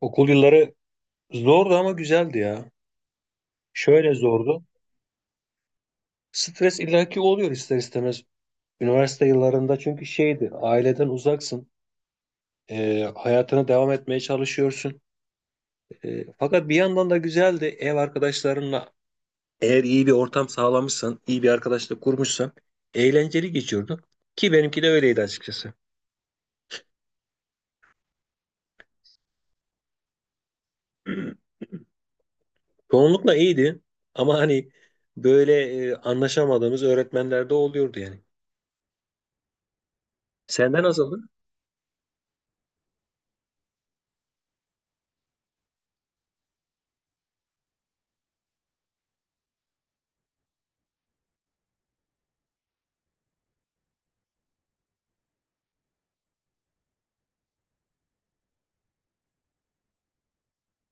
Okul yılları zordu ama güzeldi ya. Şöyle zordu. Stres illaki oluyor ister istemez. Üniversite yıllarında çünkü şeydi, aileden uzaksın. Hayatına devam etmeye çalışıyorsun. Fakat bir yandan da güzeldi. Ev arkadaşlarınla eğer iyi bir ortam sağlamışsan, iyi bir arkadaşla kurmuşsan eğlenceli geçiyordu. Ki benimki de öyleydi açıkçası. Çoğunlukla iyiydi ama hani böyle anlaşamadığımız öğretmenler de oluyordu yani. Senden nasıldı?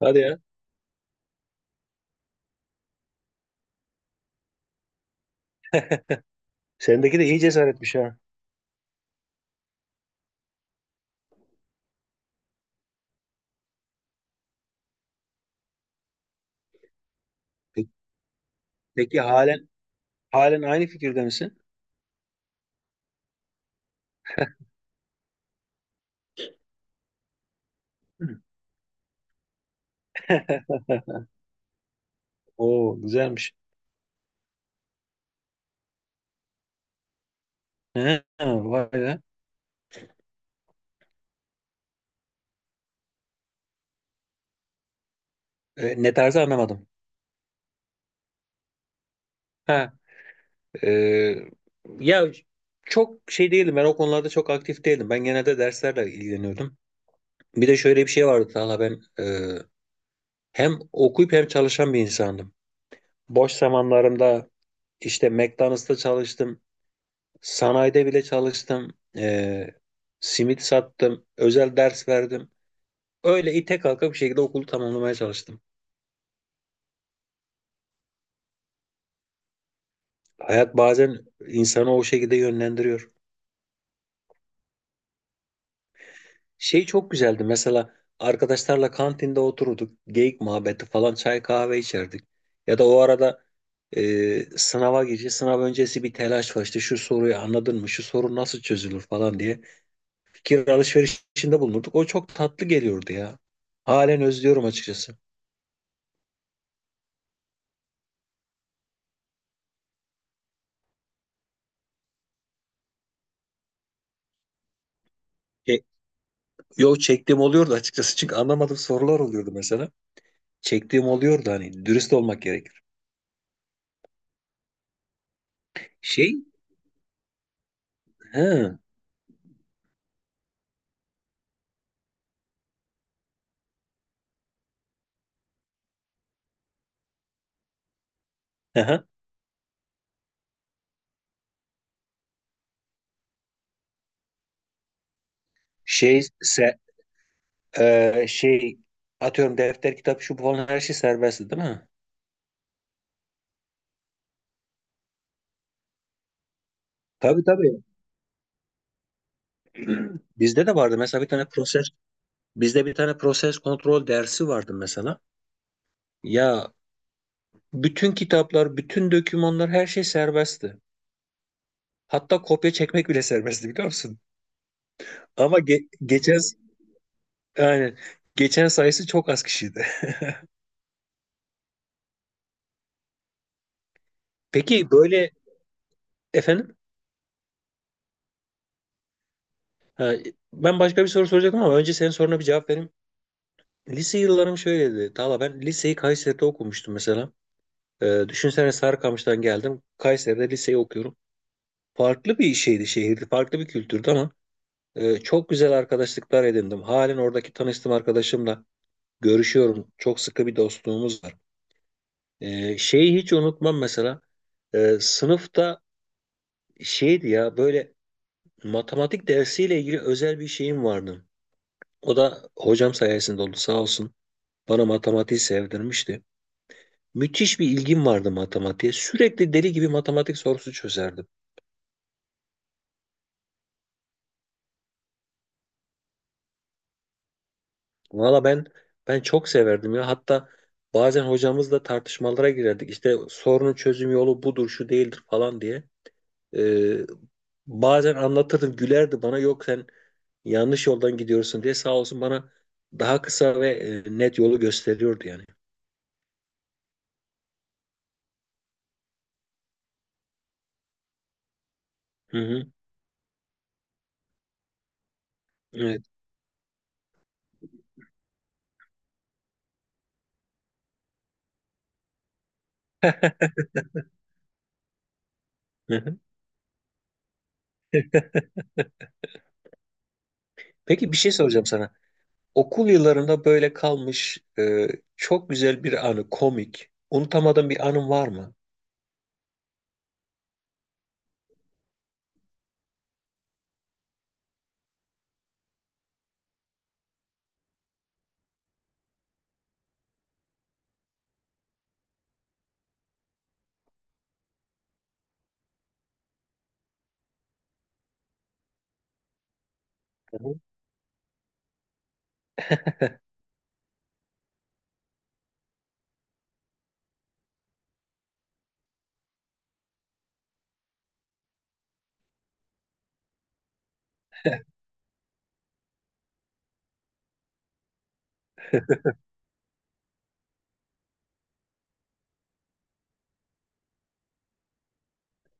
Hadi ya. Sendeki de iyi cesaretmiş ha. Peki, peki halen aynı fikirde misin? Hı. Oo güzelmiş. He, vay be. E, ne tarzı anlamadım. Ha, e, ya çok şey değilim, ben o konularda çok aktif değilim. Ben genelde derslerle ilgileniyordum. Bir de şöyle bir şey vardı Talha, ben hem okuyup hem çalışan bir insandım. Boş zamanlarımda işte McDonald's'ta çalıştım. Sanayide bile çalıştım. E, simit sattım. Özel ders verdim. Öyle ite kalka bir şekilde okulu tamamlamaya çalıştım. Hayat bazen insanı o şekilde yönlendiriyor. Şey çok güzeldi mesela, arkadaşlarla kantinde otururduk. Geyik muhabbeti falan çay kahve içerdik. Ya da o arada e, sınava gireceğiz. Sınav öncesi bir telaş var, işte şu soruyu anladın mı? Şu soru nasıl çözülür falan diye. Fikir alışverişinde bulunurduk. O çok tatlı geliyordu ya. Halen özlüyorum açıkçası. E, Yok, çektiğim oluyordu açıkçası. Çünkü anlamadığım sorular oluyordu mesela. Çektiğim oluyordu, hani dürüst olmak gerek. Şey, ha, aha. Şey, se, e, şey, atıyorum defter, kitap, şu bu falan her şey serbestti değil mi? Tabii tabii. Bizde de vardı mesela bir tane proses, bizde bir tane proses kontrol dersi vardı mesela. Ya bütün kitaplar, bütün dokümanlar her şey serbestti. Hatta kopya çekmek bile serbestti biliyor musun? Ama geçen, yani geçen sayısı çok az kişiydi. Peki böyle efendim. Ha, ben başka bir soru soracaktım ama önce senin soruna bir cevap vereyim. Lise yıllarım şöyleydi. Tala, ben liseyi Kayseri'de okumuştum mesela. Düşünsene, Sarıkamış'tan geldim, Kayseri'de liseyi okuyorum. Farklı bir şeydi şehirdi. Farklı bir kültürdü ama çok güzel arkadaşlıklar edindim. Halen oradaki tanıştığım arkadaşımla görüşüyorum. Çok sıkı bir dostluğumuz var. Şeyi hiç unutmam mesela. Sınıfta şeydi ya, böyle matematik dersiyle ilgili özel bir şeyim vardı. O da hocam sayesinde oldu, sağ olsun. Bana matematiği sevdirmişti. Müthiş bir ilgim vardı matematiğe. Sürekli deli gibi matematik sorusu çözerdim. Valla ben çok severdim ya. Hatta bazen hocamızla tartışmalara girerdik. İşte sorunun çözüm yolu budur, şu değildir falan diye. Ee, Bazen anlatırdım, gülerdi bana. Yok sen yanlış yoldan gidiyorsun diye, sağ olsun bana daha kısa ve net yolu gösteriyordu yani. Hı hı. Evet. Hı hı. Peki bir şey soracağım sana. Okul yıllarında böyle kalmış çok güzel bir anı, komik. Unutamadığın bir anın var mı? Hı hı.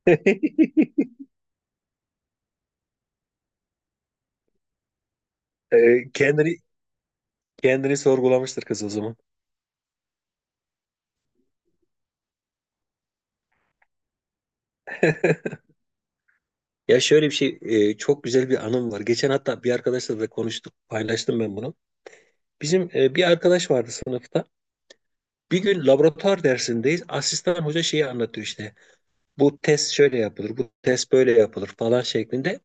E, kendini sorgulamıştır kız o zaman. Ya şöyle bir şey, çok güzel bir anım var. Geçen hatta bir arkadaşla da konuştuk, paylaştım ben bunu. Bizim bir arkadaş vardı sınıfta. Bir gün laboratuvar dersindeyiz. Asistan hoca şeyi anlatıyor işte. Bu test şöyle yapılır, bu test böyle yapılır falan şeklinde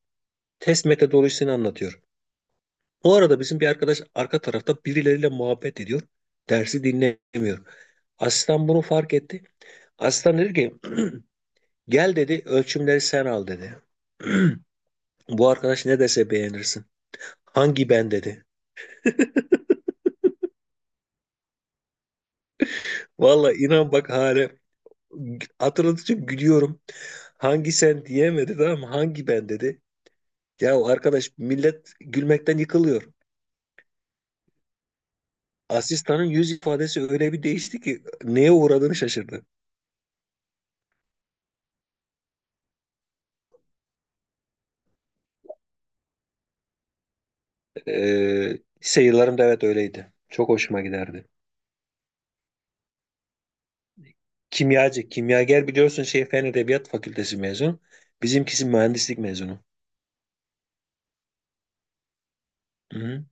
test metodolojisini anlatıyor. Bu arada bizim bir arkadaş arka tarafta birileriyle muhabbet ediyor. Dersi dinlemiyor. Asistan bunu fark etti. Asistan dedi ki, gel dedi, ölçümleri sen al dedi. Bu arkadaş ne dese beğenirsin. Hangi ben dedi. Valla inan bak, hala hatırladıkça gülüyorum. Hangi sen diyemedi tamam mı? Hangi ben dedi. Ya arkadaş, millet gülmekten yıkılıyor. Asistanın yüz ifadesi öyle bir değişti ki neye uğradığını şaşırdı. Ee, Lise yıllarımda evet öyleydi. Çok hoşuma giderdi. Kimyacı, kimyager biliyorsun şey Fen Edebiyat Fakültesi mezunu. Bizimkisi mühendislik mezunu. Hı hı.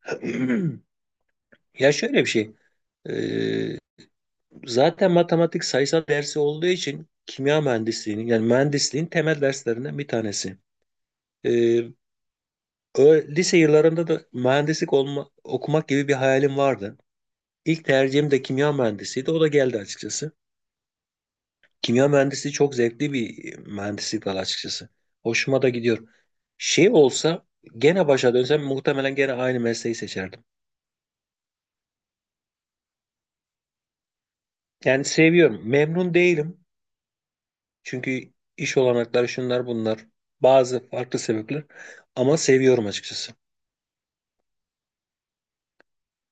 Ya şöyle bir şey. Ee, Zaten matematik sayısal dersi olduğu için kimya mühendisliğinin, yani mühendisliğin temel derslerinden bir tanesi. Ee, Lise yıllarında da mühendislik olma, okumak gibi bir hayalim vardı. İlk tercihim de kimya mühendisiydi. O da geldi açıkçası. Kimya mühendisliği çok zevkli bir mühendislik dalı açıkçası. Hoşuma da gidiyor. Şey olsa gene başa dönsem muhtemelen gene aynı mesleği seçerdim. Yani seviyorum. Memnun değilim. Çünkü iş olanakları şunlar bunlar. Bazı farklı sebepler. Ama seviyorum açıkçası.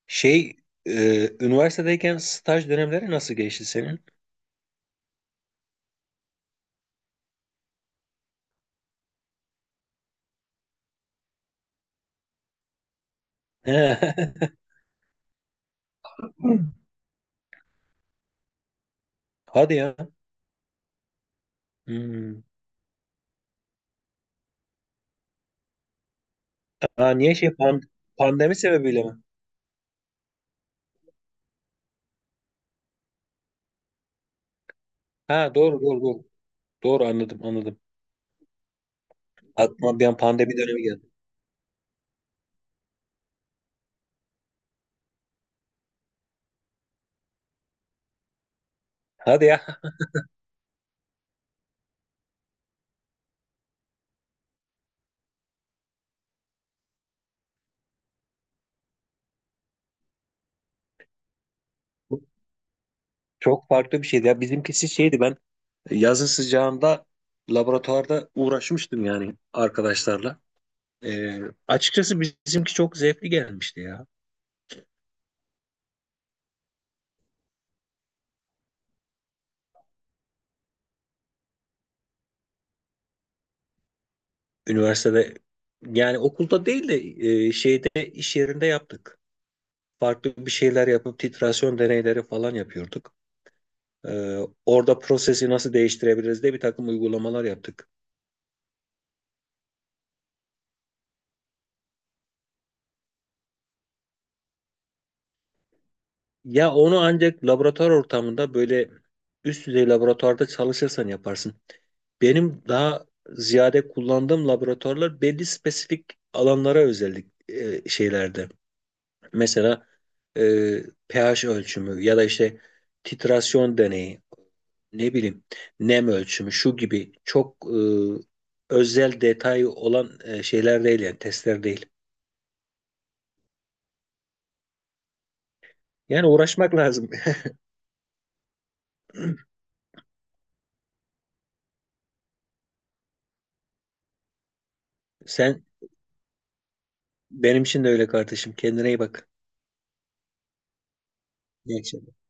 Şey, üniversitedeyken staj dönemleri nasıl geçti senin? He. Hadi ya. Hmm. Aa, niye şey pandemi sebebiyle mi? Ha doğru doğru doğru. Doğru, anladım anladım. Aklıma bir an pandemi dönemi geldi. Hadi ya. Çok farklı bir şeydi ya. Bizimkisi şeydi, ben yazın sıcağında laboratuvarda uğraşmıştım yani arkadaşlarla. Ee, Açıkçası bizimki çok zevkli gelmişti ya. Üniversitede, yani okulda değil de şeyde, iş yerinde yaptık. Farklı bir şeyler yapıp titrasyon deneyleri falan yapıyorduk. Ee, Orada prosesi nasıl değiştirebiliriz diye bir takım uygulamalar yaptık. Ya onu ancak laboratuvar ortamında böyle üst düzey laboratuvarda çalışırsan yaparsın. Benim daha ziyade kullandığım laboratuvarlar belli spesifik alanlara özellik şeylerde. Mesela e, pH ölçümü ya da işte titrasyon deneyi, ne bileyim nem ölçümü şu gibi çok özel detayı olan şeyler değil yani, testler değil. Yani uğraşmak lazım. Sen benim için de öyle kardeşim. Kendine iyi bak. İyi akşamlar.